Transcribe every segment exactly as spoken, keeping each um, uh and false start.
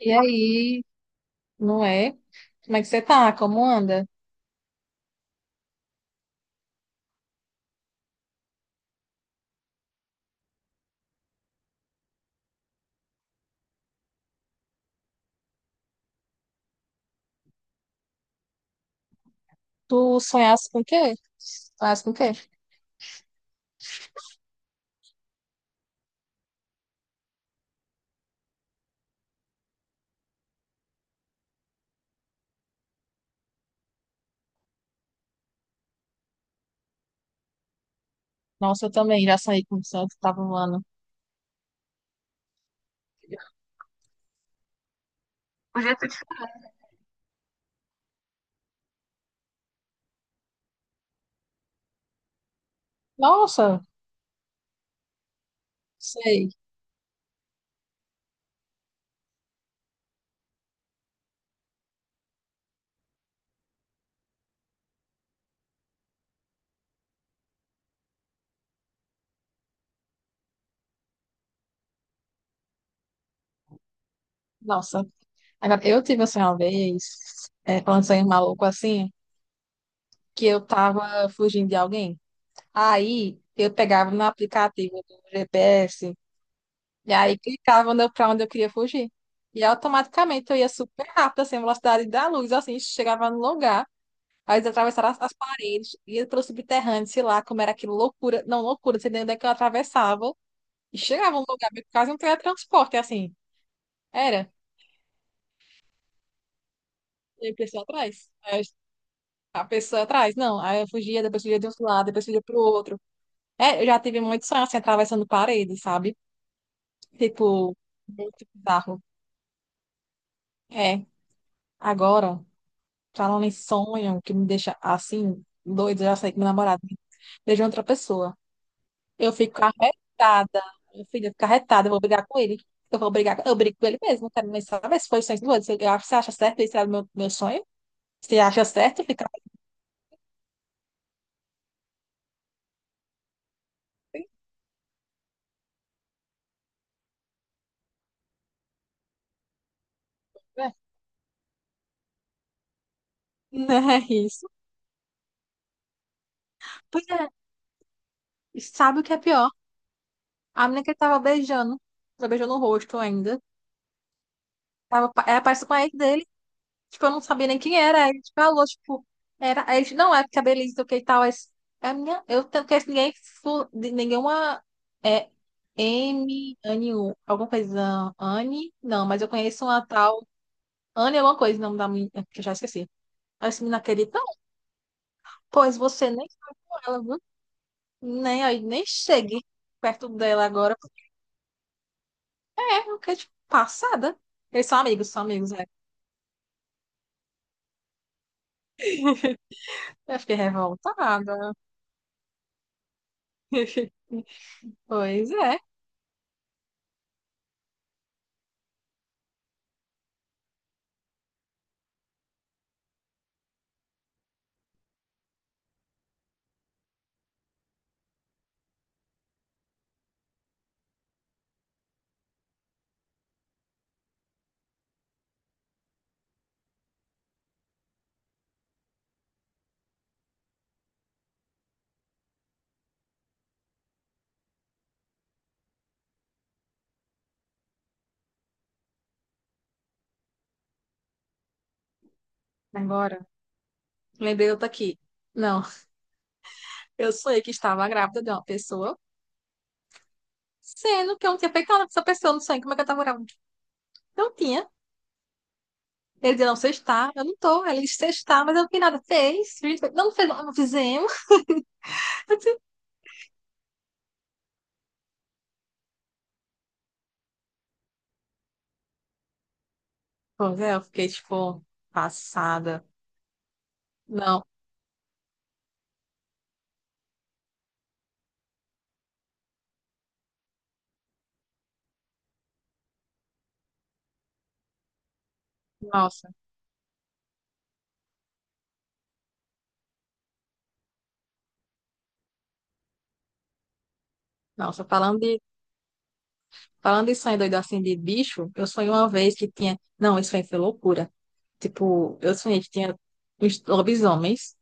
E aí, não é? Como é que você tá? Como anda? Tu sonhaste com o quê? Sonhaste com o quê? Nossa, eu também já sonhei com o sonho que tava voando. O jeito de... Nossa, sei. Nossa. Agora, eu tive um sonho uma vez, é, falando de sonho maluco assim, que eu tava fugindo de alguém. Aí, eu pegava no aplicativo do G P S e aí clicava no- pra onde eu queria fugir. E automaticamente eu ia super rápido, assim, a velocidade da luz, assim, chegava no lugar. Aí eles atravessaram as, as paredes, ia pelo subterrâneo, sei lá, como era aquilo, loucura. Não, loucura, não sei nem onde é que eu atravessava. E chegava num lugar, meio que quase um teletransporte, assim. Era. E a pessoa atrás. Aí a pessoa atrás, não. Aí eu fugia, depois fugia de um lado, depois fugia pro outro. É, eu já tive muito sonho, assim, atravessando paredes, sabe? Tipo, muito bizarro. É. Agora, falando em sonho, que me deixa assim, doido, eu já sei que meu namorado beijou outra pessoa. Eu fico arretada. Meu filho, eu fico arretada. Eu vou brigar com ele. Eu vou brigar. Eu brigo com ele mesmo. Não quero nem saber se foi o sonho do outro. Você Eu acho- Você acha certo isso? Era o meu, meu sonho? Você acha certo ficar assim? É. Não é isso. Pois é. E sabe o que é pior? A menina que ele tava beijando. Tava beijando o rosto ainda. Tava, pa- era parecido com a ex dele. Tipo, eu não sabia nem quem era. Aí ele falou, tipo, era. Aí, ele, não, é porque a Belize do que e tal. É, é a minha. Eu não conheço ninguém, fu- de nenhuma. É M. Anne, U, alguma coisa. Anne? Não, mas eu conheço uma tal. Anne, alguma coisa, o nome da minha. Que eu já esqueci. Aí esse menino acredita. Não, pois você nem com ela, viu? Nem, aí, nem chegue perto dela agora. É, porque, tipo, passada. Eles são amigos, são amigos, é. Eu fiquei revoltada. Pois é. Agora. Lembrei outra aqui. Não, eu sonhei que estava grávida de uma pessoa, sendo que eu não tinha feito nada com essa pessoa no sonho. Como é que eu estava grávida? Não tinha. Ele dizia, não, você está, eu não estou. Ele disse, você está, mas eu não fiz nada. Fez, fez, fez. Não, não fez, não fizemos. Eu disse, pois é, eu fiquei, tipo, passada. Não, nossa, nossa, falando de, falando de sonho doido assim, de bicho, eu sonhei uma vez que tinha, não, isso aí foi loucura. Tipo, eu sonhei que tinha uns lobisomens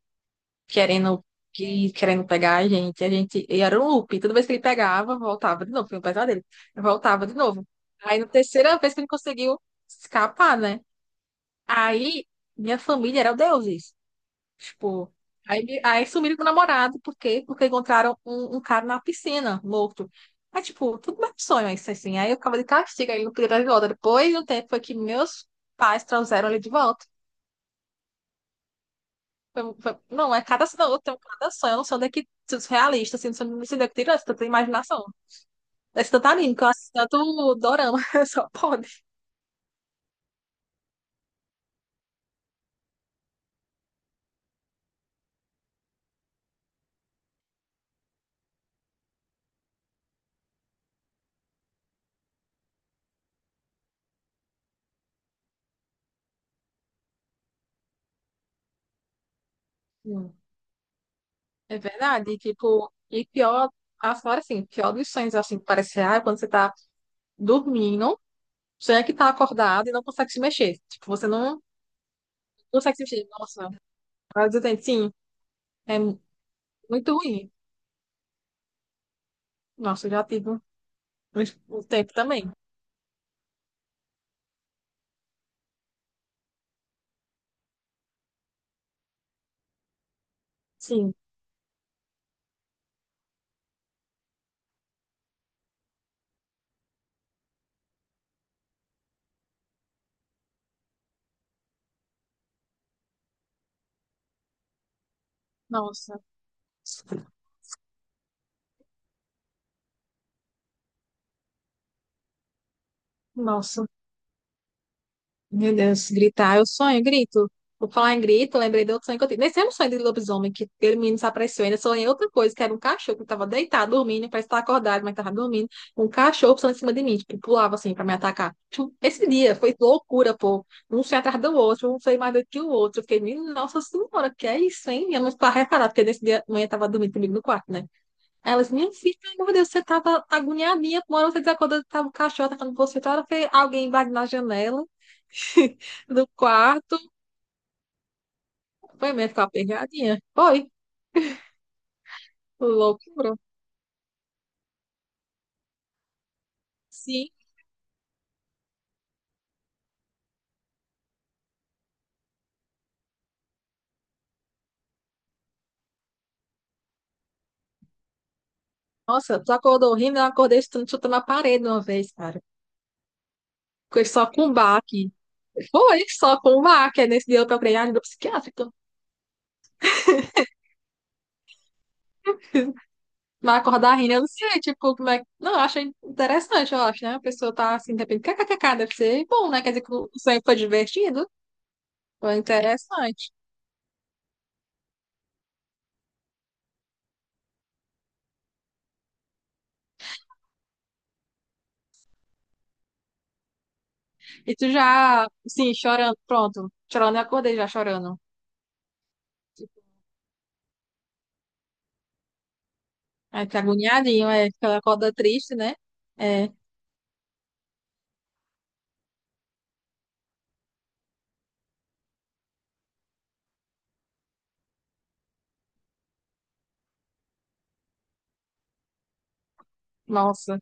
querendo, que- querendo pegar a gente. A gente, e era um loop. Toda vez que ele pegava, voltava de novo. Foi um pesadelo. Voltava de novo. Aí, na terceira vez que ele conseguiu escapar, né? Aí, minha família era o deuses. Tipo, aí, me- aí sumiram com o namorado. Por quê? Porque encontraram um, um cara na piscina, morto. Aí, tipo, tudo mais sonho isso, assim. Aí eu ficava de castigo, aí ele não podia dar de volta. Depois de um tempo foi que meus pais trouxeram ele de volta. Foi- foi- Não, é cada sonho, eu tenho cada sonho, eu não sei onde é que surrealista, assim, não sei não sei onde é que tirou essa tanta imaginação. Esse tanto anime, que eu assisto tanto dorama, só pode. Hum. É verdade, e, tipo, e pior, afora assim, pior dos sonhos, assim, que parece real, é quando você tá dormindo, sonha que tá acordado e não consegue se mexer. Tipo, você não consegue se mexer. Nossa, mas eu tenho, sim, é mu- muito ruim. Nossa, eu já tive um, um tempo também. Sim, nossa. Nossa. Meu Deus, gritar, eu sonho, grito. Vou falar em grito, lembrei do outro sonho que eu tive. Nesse mesmo sonho de lobisomem, que aquele menino desapareceu, ainda sonhei outra coisa, que era um cachorro que estava deitado, dormindo, parece estar acordado, mas estava dormindo. Um cachorro passando em cima de mim, tipo, pulava assim para me atacar. Tipo, esse dia foi loucura, pô. Um sonho atrás do outro, um sonho mais doido que o outro. Eu Fiquei, menina, nossa senhora, que é isso, hein? Minha mãe ficava reparada, porque nesse dia a mãe estava dormindo comigo no quarto, né? Aí ela disse, minha filha, meu Deus, você estava agoniadinha, uma hora você desacordou, estava o cachorro atacando você, outra hora foi alguém invadindo na janela. do quarto. Foi mesmo ficar aperreadinha. Foi, loucura. Sim. Nossa, tu acordou rindo, eu acordei chutando, chutando a parede uma vez, cara. Foi só com baque. Foi só com baque. Aí nesse dia eu procurei ajuda psiquiátrica. Mas acordar rindo, eu não sei, tipo, como é que... Não, eu acho interessante, eu acho, né? A pessoa tá assim, de repente, kkkk, deve ser bom, né? Quer dizer que o sonho foi divertido. Foi interessante. E tu já, assim, chorando, pronto. Chorando, eu acordei já chorando. Ai, que agoniadinho, é, que ela acorda triste, né? É, nossa.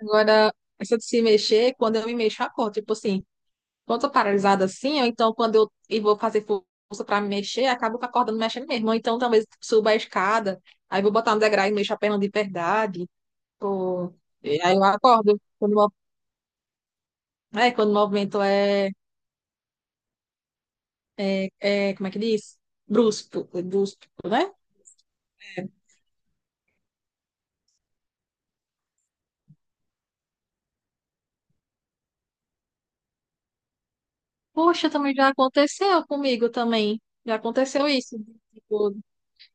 Agora, essa de se mexer, quando eu me mexo, eu acordo. Tipo assim, quando eu tô paralisada assim, ou então quando eu e vou fazer força pra me mexer, acabo acordando mexendo mesmo. Ou então talvez suba a escada, aí vou botar no degrau e mexo a perna de verdade. Ou... e Aí eu acordo. Quando, o mo- é, quando o movimento é, é, é, como é que diz? Brusco, brusco, né? Poxa, também já aconteceu comigo também. Já aconteceu isso.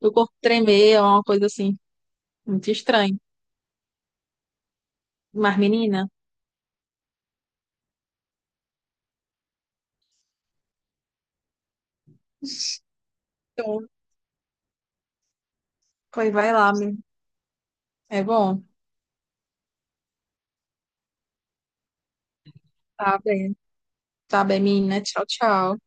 O corpo tremer é uma coisa assim, muito estranha. Mas, menina, então, pois vai lá, menina. É bom. Tá bem. Tá bem, menina. Tchau, tchau.